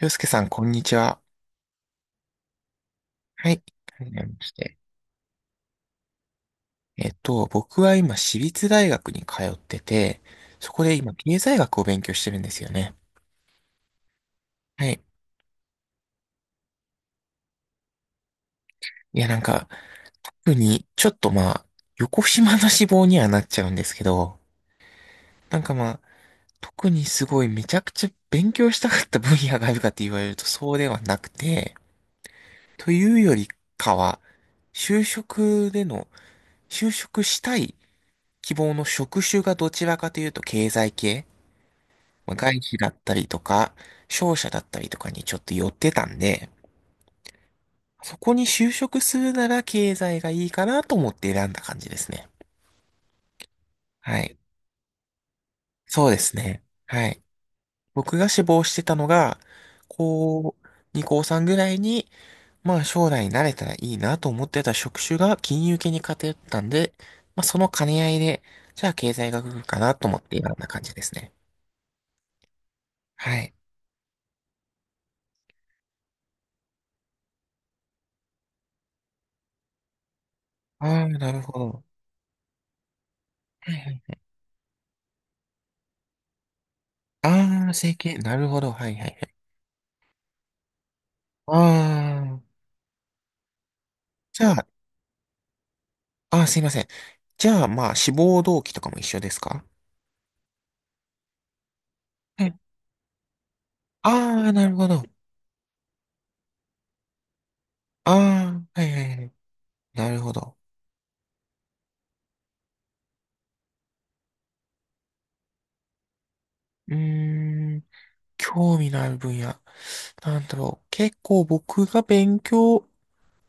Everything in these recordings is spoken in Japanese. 洋介さん、こんにちは。はい。はじめまして。僕は今、私立大学に通ってて、そこで今、経済学を勉強してるんですよね。はい。いや、なんか、特に、ちょっとまあ、横島な志望にはなっちゃうんですけど、なんかまあ、特にすごいめちゃくちゃ勉強したかった分野があるかって言われるとそうではなくて、というよりかは、就職での、就職したい希望の職種がどちらかというと経済系、まあ外資だったりとか、商社だったりとかにちょっと寄ってたんで、そこに就職するなら経済がいいかなと思って選んだ感じですね。はい。そうですね。はい。僕が志望してたのが、高2、高3ぐらいに、まあ将来慣れたらいいなと思ってた職種が金融系に偏ったんで、まあその兼ね合いで、じゃあ経済学部かなと思って選んだ感じですね。はい。ああ、なるほど。はいはい。ああ、整形、なるほど。はいはい。ああ、じゃあ、すいません。じゃあ、まあ、志望動機とかも一緒ですか？はい。ああ、なるほど。ああ、はいはいはい。なるほど。うーん、興味のある分野。なんだろう。結構僕が勉強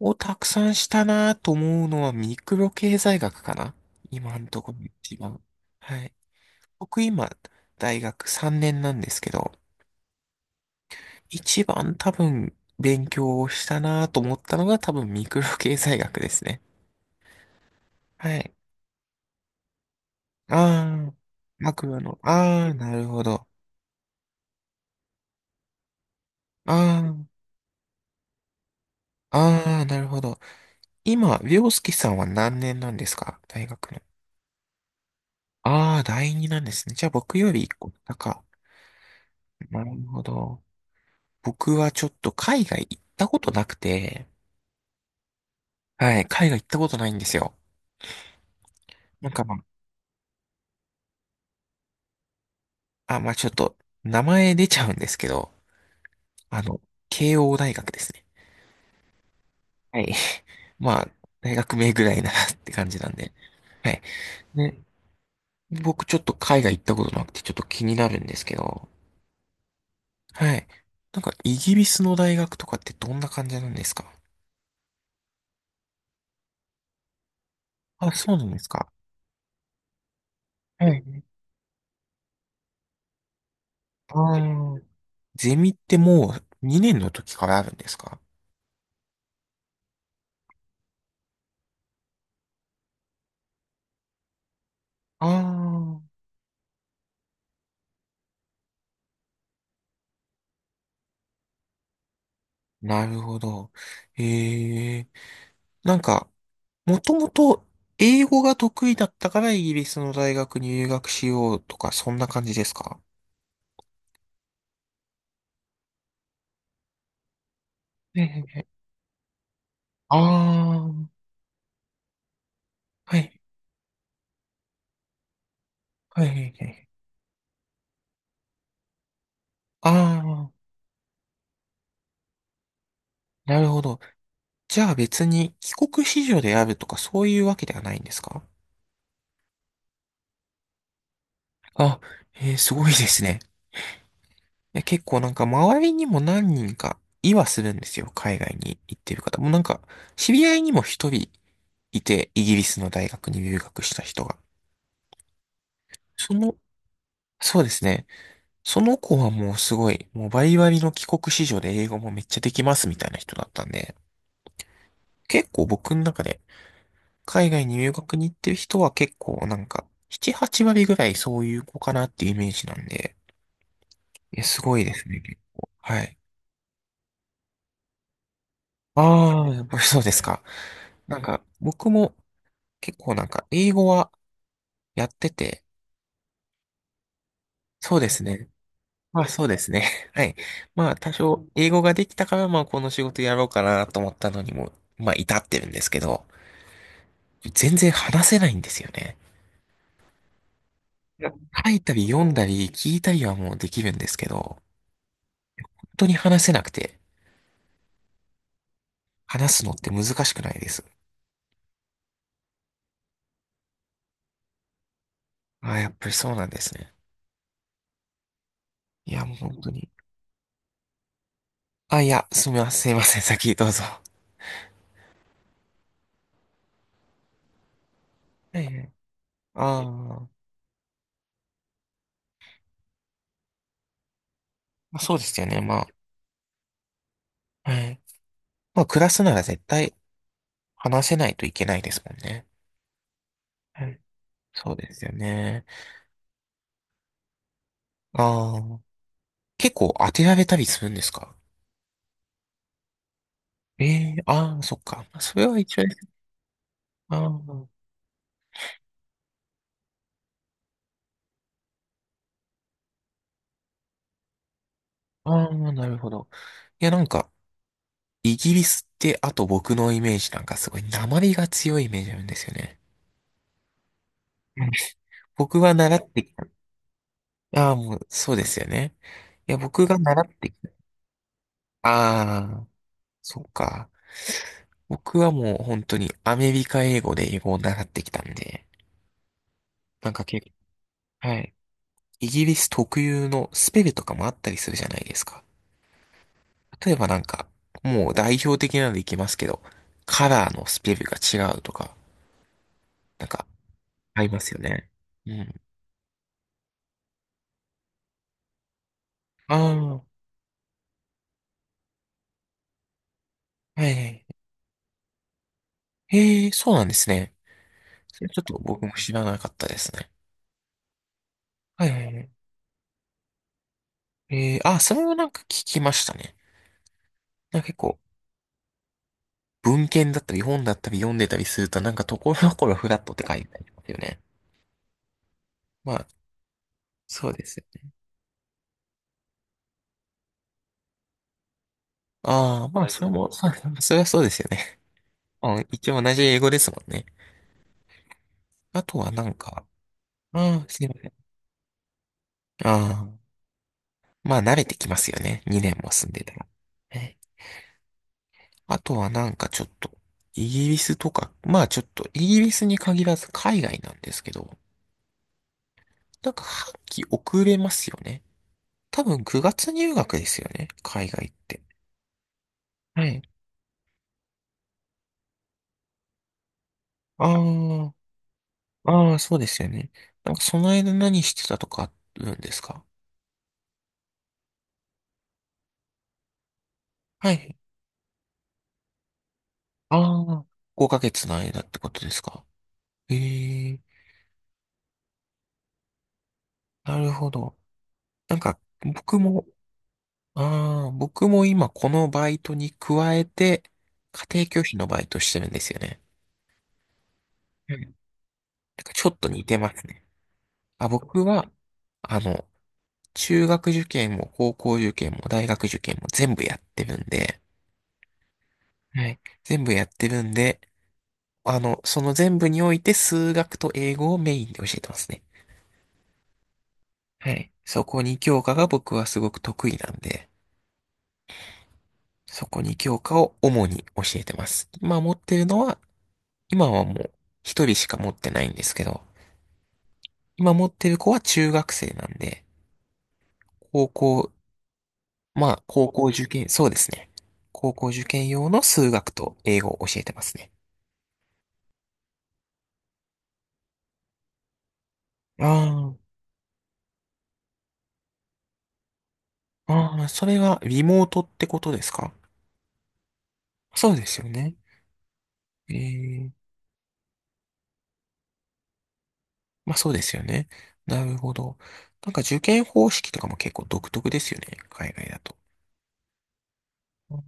をたくさんしたなと思うのはミクロ経済学かな、今のところ一番。はい。僕今、大学3年なんですけど、一番多分勉強をしたなと思ったのが多分ミクロ経済学ですね。はい。ああ、悪魔の、ああ、なるほど。ああ、ああ、なるほど。今、凌介さんは何年なんですか？大学の。ああ、第二なんですね。じゃあ僕より一個高。なるほど。僕はちょっと海外行ったことなくて、はい、海外行ったことないんですよ。なんかまあ、あ、まあちょっと、名前出ちゃうんですけど、あの、慶応大学ですね。はい。まあ、大学名ぐらいなって感じなんで。はい。ね僕ちょっと海外行ったことなくてちょっと気になるんですけど。はい。なんかイギリスの大学とかってどんな感じなんですか？あ、そうなんですか。はい。あーゼミってもう2年の時からあるんですか？ああー。なるほど。ええ。なんか、もともと英語が得意だったからイギリスの大学に留学しようとか、そんな感じですか？ええ、ああー、はい、はい、はい、はい。ああ、なるほど。じゃあ別に帰国子女であるとかそういうわけではないんですか？あ、えーすごいですね。いや、結構なんか周りにも何人かいはするんですよ。海外に行ってる方。もうなんか知り合いにも一人いて、イギリスの大学に留学した人が。その、そうですね。その子はもうすごい、もうバリバリの帰国子女で英語もめっちゃできますみたいな人だったんで、結構僕の中で海外に留学に行ってる人は結構なんか、7、8割ぐらいそういう子かなっていうイメージなんで、いや、すごいですね、結構。はい。ああ、やっぱり そうですか。なんか、僕も結構なんか、英語はやってて、そうですね。まあそうですね。はい。まあ多少、英語ができたから、まあこの仕事やろうかなと思ったのにも、まあ至ってるんですけど、全然話せないんですよね。いや、書いたり読んだり聞いたりはもうできるんですけど、本当に話せなくて。話すのって難しくないです？あ、やっぱりそうなんですね。いや、もう本当に。あ、いや、すみません、すみません、先どうぞ。はいはい。あーまあ、そうですよね、まあ。はい。まあ、暮らすなら絶対話せないといけないですもんね。はい。そうですよね。ああ、結構当てられたりするんですか？ええー、ああ、そっか。それは一応です、あーあー、あなるほど。いや、なんか、イギリスって、あと僕のイメージなんかすごい、訛りが強いイメージあるんですよね。僕は習ってきた。ああ、もう、そうですよね。いや、僕が習ってきた。ああ、そうか。僕はもう本当にアメリカ英語で英語を習ってきたんで、なんか結構、はい。イギリス特有のスペルとかもあったりするじゃないですか。例えばなんか、もう代表的なのでいきますけど、カラーのスペルが違うとか、なんか、ありますよね。うん。ああ、はいはい。へえ、そうなんですね。それちょっと僕も知らなかったですね。はいはいはい。あ、それはなんか聞きましたね。なんか結構、文献だったり本だったり読んでたりすると、なんかところどころフラットって書いてありますよね。まあ、そうですよね。ああ、まあ、それも、そう、それはそうですよね。うん、一応同じ英語ですもんね。あとはなんか、ああ、すいません。ああ、まあ、慣れてきますよね。2年も住んでたら。え、あとはなんかちょっと、イギリスとか、まあちょっと、イギリスに限らず海外なんですけど、なんか半期遅れますよね。多分9月入学ですよね。海外って。はい。ああ、ああ、そうですよね。なんかその間何してたとかあるんですか？はい。ああ、5ヶ月の間ってことですか？ええ、なるほど。なんか僕も、ああ、僕も今このバイトに加えて、家庭教師のバイトしてるんですよね。うん、なんかちょっと似てますね。あ、僕は、あの、中学受験も高校受験も大学受験も全部やってるんで、はい。全部やってるんで、その全部において数学と英語をメインで教えてますね。はい。そこに教科が僕はすごく得意なんで、そこに教科を主に教えてます。今持ってるのは、今はもう一人しか持ってないんですけど、今持ってる子は中学生なんで、高校、まあ、高校受験、そうですね。高校受験用の数学と英語を教えてますね。ああ、ああ、それはリモートってことですか？そうですよね。ええ、まあそうですよね。なるほど。なんか受験方式とかも結構独特ですよね。海外だと。うん、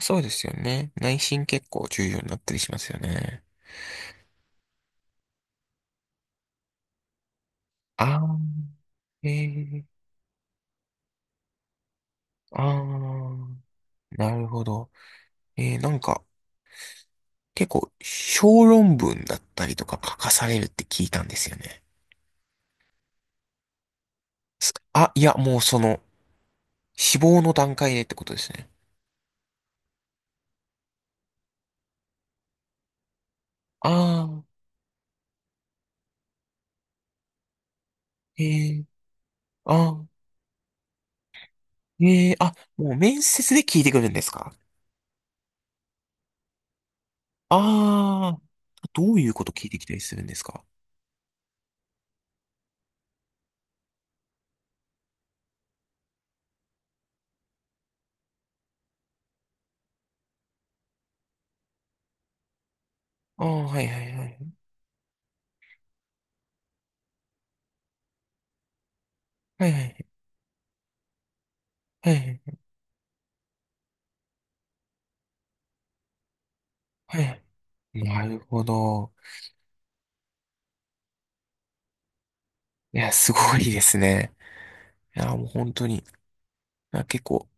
そうですよね。内申結構重要になったりしますよね。ああ、ええ、ああ、なるほど。ええ、なんか結構小論文だったりとか書かされるって聞いたんですよね。いや、もうその、死亡の段階でってことですね。ああ、ええ、ああ、ええ、あ、もう面接で聞いてくるんですか？ああ、どういうこと聞いてきたりするんですか？ああ、はいはいはい。はいはいはい。はいはい。なるほど。いや、すごいですね。いや、もう本当に。あ、結構、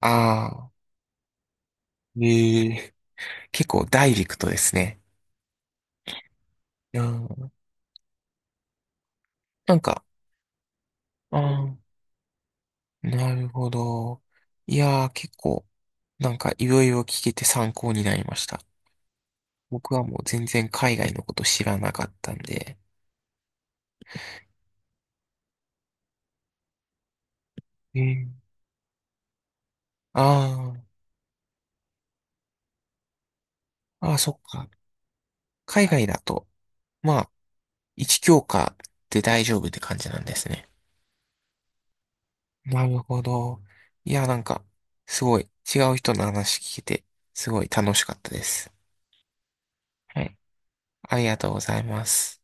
ああ、ええ、結構ダイレクトですね。いやー、なんか、ああ、なるほど。いやー、結構、なんかいろいろ聞けて参考になりました。僕はもう全然海外のこと知らなかったんで。ええ。ああ、ああ、そっか。海外だと、まあ、一教科で大丈夫って感じなんですね。なるほど。いや、なんか、すごい、違う人の話聞けて、すごい楽しかったです。はい。ありがとうございます。